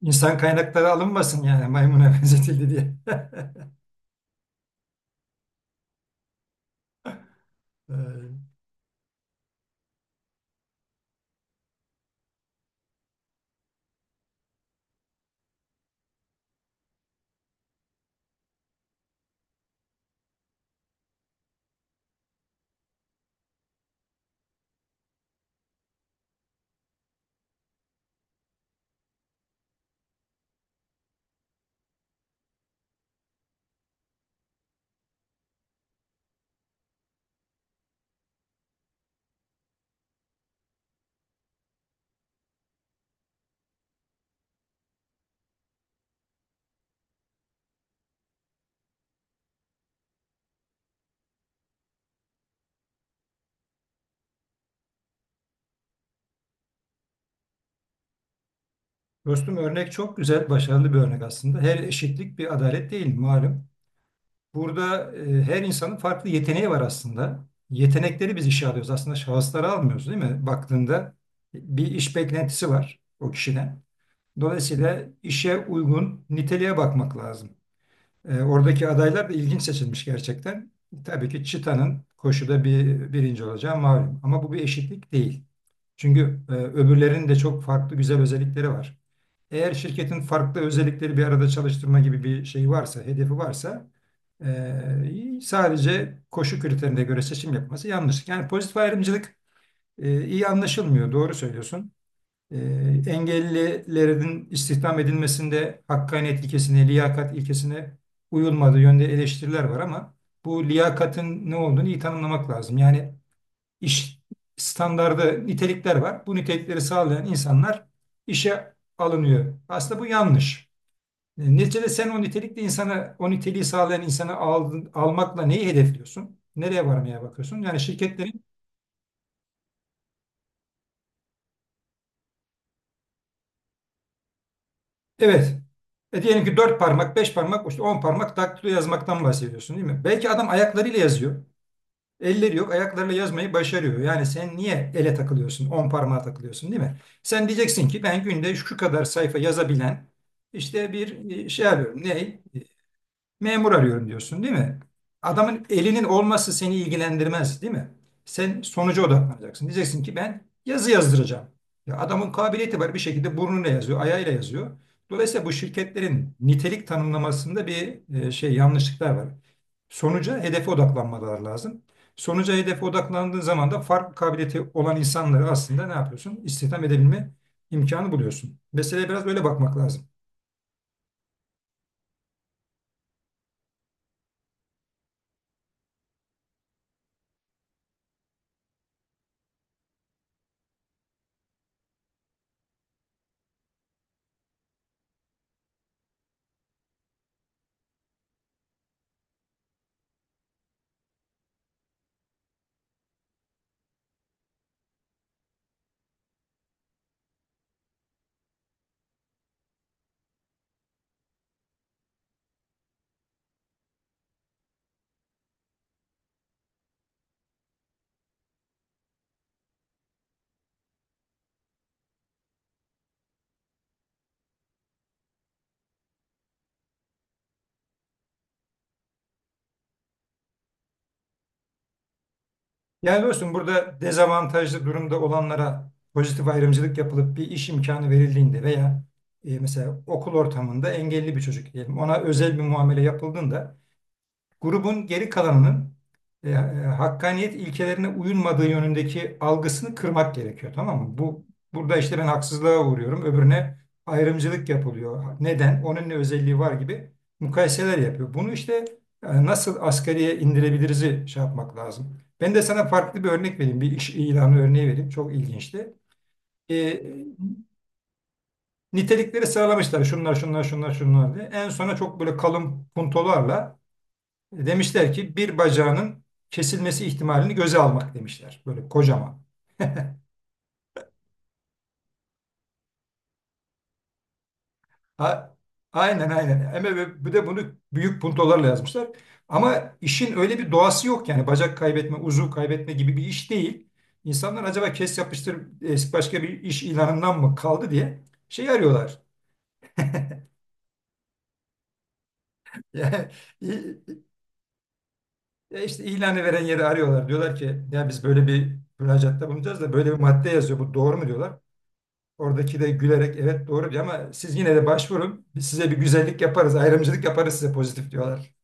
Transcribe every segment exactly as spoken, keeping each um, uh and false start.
İnsan kaynakları alınmasın yani maymuna benzetildi diye. Ee, Dostum örnek çok güzel, başarılı bir örnek aslında. Her eşitlik bir adalet değil malum. Burada e, her insanın farklı yeteneği var aslında. Yetenekleri biz işe alıyoruz. Aslında şahısları almıyoruz değil mi? Baktığında bir iş beklentisi var o kişiden. Dolayısıyla işe uygun niteliğe bakmak lazım. E, oradaki adaylar da ilginç seçilmiş gerçekten. Tabii ki Çita'nın koşuda bir birinci olacağı malum. Ama bu bir eşitlik değil. Çünkü e, öbürlerinin de çok farklı güzel özellikleri var. Eğer şirketin farklı özellikleri bir arada çalıştırma gibi bir şey varsa, hedefi varsa e, sadece koşu kriterine göre seçim yapması yanlış. Yani pozitif ayrımcılık e, iyi anlaşılmıyor. Doğru söylüyorsun. E, Engellilerin istihdam edilmesinde hakkaniyet ilkesine, liyakat ilkesine uyulmadığı yönde eleştiriler var ama bu liyakatın ne olduğunu iyi tanımlamak lazım. Yani iş standardı nitelikler var. Bu nitelikleri sağlayan insanlar işe alınıyor. Aslında bu yanlış. E, Neticede sen o nitelikli insana, o niteliği sağlayan insanı aldın- almakla neyi hedefliyorsun? Nereye varmaya bakıyorsun? Yani şirketlerin. Evet. E diyelim ki dört parmak, beş parmak, işte on parmak daktilo yazmaktan bahsediyorsun değil mi? Belki adam ayaklarıyla yazıyor. Elleri yok, ayaklarıyla yazmayı başarıyor. Yani sen niye ele takılıyorsun, on parmağa takılıyorsun değil mi? Sen diyeceksin ki ben günde şu kadar sayfa yazabilen işte bir e, şey arıyorum. Ne? Memur arıyorum diyorsun değil mi? Adamın elinin olması seni ilgilendirmez değil mi? Sen sonuca odaklanacaksın. Diyeceksin ki ben yazı yazdıracağım. Ya adamın kabiliyeti var bir şekilde burnuyla yazıyor, ayağıyla yazıyor. Dolayısıyla bu şirketlerin nitelik tanımlamasında bir e, şey yanlışlıklar var. Sonuca hedefe odaklanmaları lazım. Sonuca hedefe odaklandığın zaman da farklı kabiliyeti olan insanları aslında ne yapıyorsun? İstihdam edebilme imkanı buluyorsun. Meseleye biraz öyle bakmak lazım. Yani dostum burada dezavantajlı durumda olanlara pozitif ayrımcılık yapılıp bir iş imkanı verildiğinde veya e, mesela okul ortamında engelli bir çocuk diyelim ona özel bir muamele yapıldığında grubun geri kalanının e, e, hakkaniyet ilkelerine uyulmadığı yönündeki algısını kırmak gerekiyor tamam mı? Bu burada işte ben haksızlığa uğruyorum, öbürüne ayrımcılık yapılıyor. Neden? Onun ne özelliği var gibi mukayeseler yapıyor. Bunu işte e, nasıl asgariye indirebiliriz şey yapmak lazım. Ben de sana farklı bir örnek vereyim. Bir iş ilanı örneği vereyim. Çok ilginçti. E, Nitelikleri sıralamışlar. Şunlar, şunlar, şunlar, şunlar diye. En sona çok böyle kalın puntolarla demişler ki bir bacağının kesilmesi ihtimalini göze almak demişler. Böyle kocaman. A- aynen, aynen. Ama ve bu de bunu büyük puntolarla yazmışlar. Ama işin öyle bir doğası yok yani bacak kaybetme, uzuv kaybetme gibi bir iş değil. İnsanlar acaba kes yapıştır e, başka bir iş ilanından mı kaldı diye şey arıyorlar. Yani i- i- işte ilanı veren yeri arıyorlar. Diyorlar ki ya biz böyle bir müracaatta bulunacağız da böyle bir madde yazıyor. Bu doğru mu diyorlar. Oradaki de gülerek evet doğru diyor ama siz yine de başvurun. Biz size bir güzellik yaparız, ayrımcılık yaparız size pozitif diyorlar.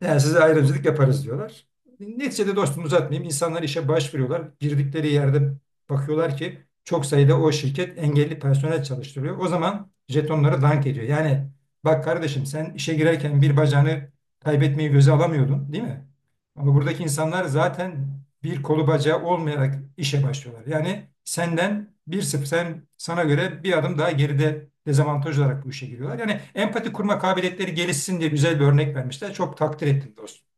Yani size ayrımcılık yaparız diyorlar. Neticede dostum uzatmayayım. İnsanlar işe başvuruyorlar. Girdikleri yerde bakıyorlar ki çok sayıda o şirket engelli personel çalıştırıyor. O zaman jetonları dank ediyor. Yani bak kardeşim sen işe girerken bir bacağını kaybetmeyi göze alamıyordun, değil mi? Ama buradaki insanlar zaten bir kolu bacağı olmayarak işe başlıyorlar. Yani senden bir sıfır, sen sana göre bir adım daha geride dezavantaj olarak bu işe giriyorlar. Yani empati kurma kabiliyetleri gelişsin diye güzel bir örnek vermişler. Çok takdir ettim dostum.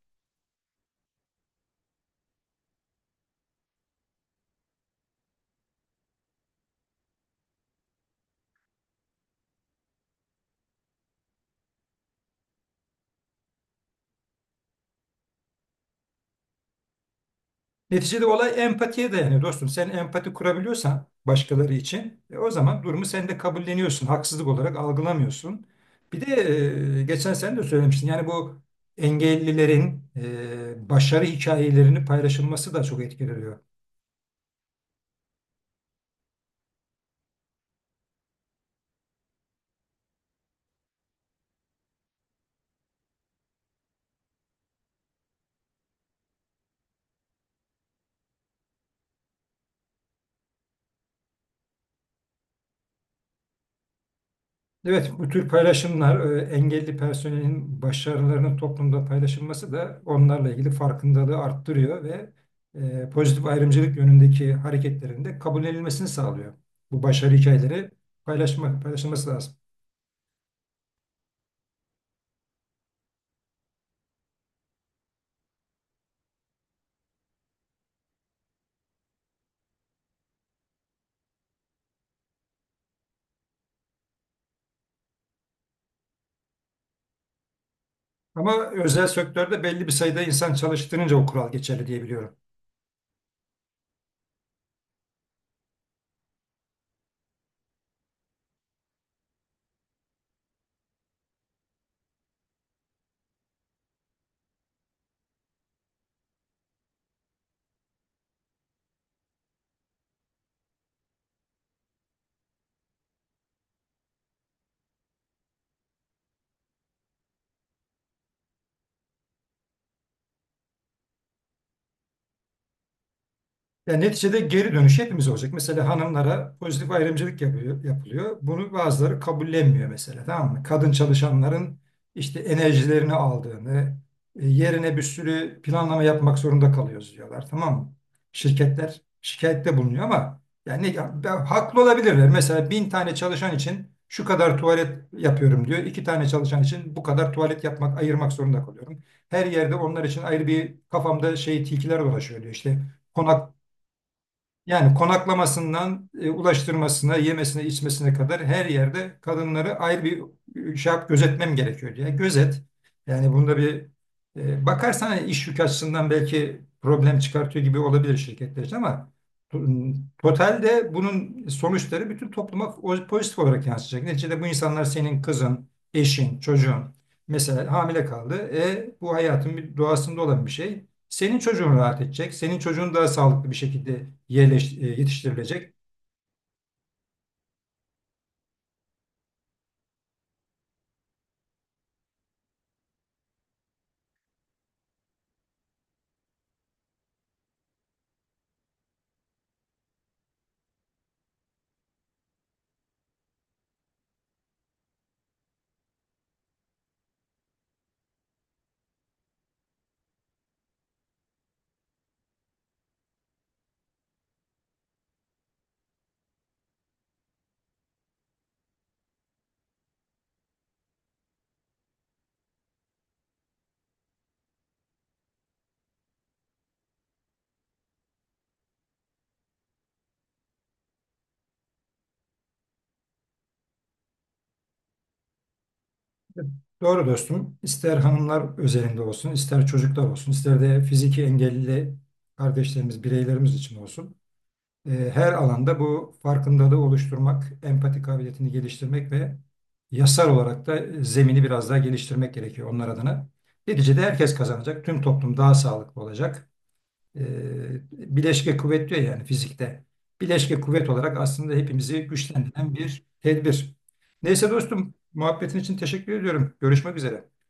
Neticede olay empatiye dayanıyor dostum. Sen empati kurabiliyorsan başkaları için e, o zaman durumu sen de kabulleniyorsun. Haksızlık olarak algılamıyorsun. Bir de e, geçen sen de söylemiştin. Yani bu engellilerin e, başarı hikayelerini paylaşılması da çok etkileniyor. Evet, bu tür paylaşımlar e, engelli personelin başarılarının toplumda paylaşılması da onlarla ilgili farkındalığı arttırıyor ve e, pozitif ayrımcılık yönündeki hareketlerin de kabul edilmesini sağlıyor. Bu başarı hikayeleri paylaşma, paylaşılması lazım. Ama özel sektörde belli bir sayıda insan çalıştırınca o kural geçerli diye biliyorum. Yani neticede geri dönüş hepimiz olacak. Mesela hanımlara pozitif ayrımcılık yapıyor, yapılıyor. Bunu bazıları kabullenmiyor mesela tamam mı? Kadın çalışanların işte enerjilerini aldığını, e, yerine bir sürü planlama yapmak zorunda kalıyoruz diyorlar tamam mı? Şirketler şikayette bulunuyor ama yani ne- ben- haklı olabilirler. Mesela bin tane çalışan için şu kadar tuvalet yapıyorum diyor. İki tane çalışan için bu kadar tuvalet yapmak, ayırmak zorunda kalıyorum. Her yerde onlar için ayrı bir kafamda şey tilkiler dolaşıyor diyor işte. Konak Yani konaklamasından e, ulaştırmasına, yemesine, içmesine kadar her yerde kadınları ayrı bir e, şey yap, gözetmem gerekiyor diye. Gözet. Yani bunda bir e, bakarsan iş yükü açısından belki problem çıkartıyor gibi olabilir şirketler için ama to- totalde bunun sonuçları bütün topluma o- pozitif olarak yansıyacak. Neticede bu insanlar senin kızın, eşin, çocuğun. Mesela hamile kaldı. E, bu hayatın bir doğasında olan bir şey. Senin çocuğun rahat edecek. Senin çocuğun daha sağlıklı bir şekilde yerleş, e, yetiştirilecek. Doğru dostum. İster hanımlar özelinde olsun, ister çocuklar olsun, ister de fiziki engelli kardeşlerimiz, bireylerimiz için olsun. E, Her alanda bu farkındalığı oluşturmak, empati kabiliyetini geliştirmek ve yasal olarak da e, zemini biraz daha geliştirmek gerekiyor onlar adına. Neticede herkes kazanacak. Tüm toplum daha sağlıklı olacak. e, Bileşke kuvvet diyor yani fizikte. Bileşke kuvvet olarak aslında hepimizi güçlendiren bir tedbir. Neyse dostum, muhabbetin için teşekkür ediyorum. Görüşmek üzere.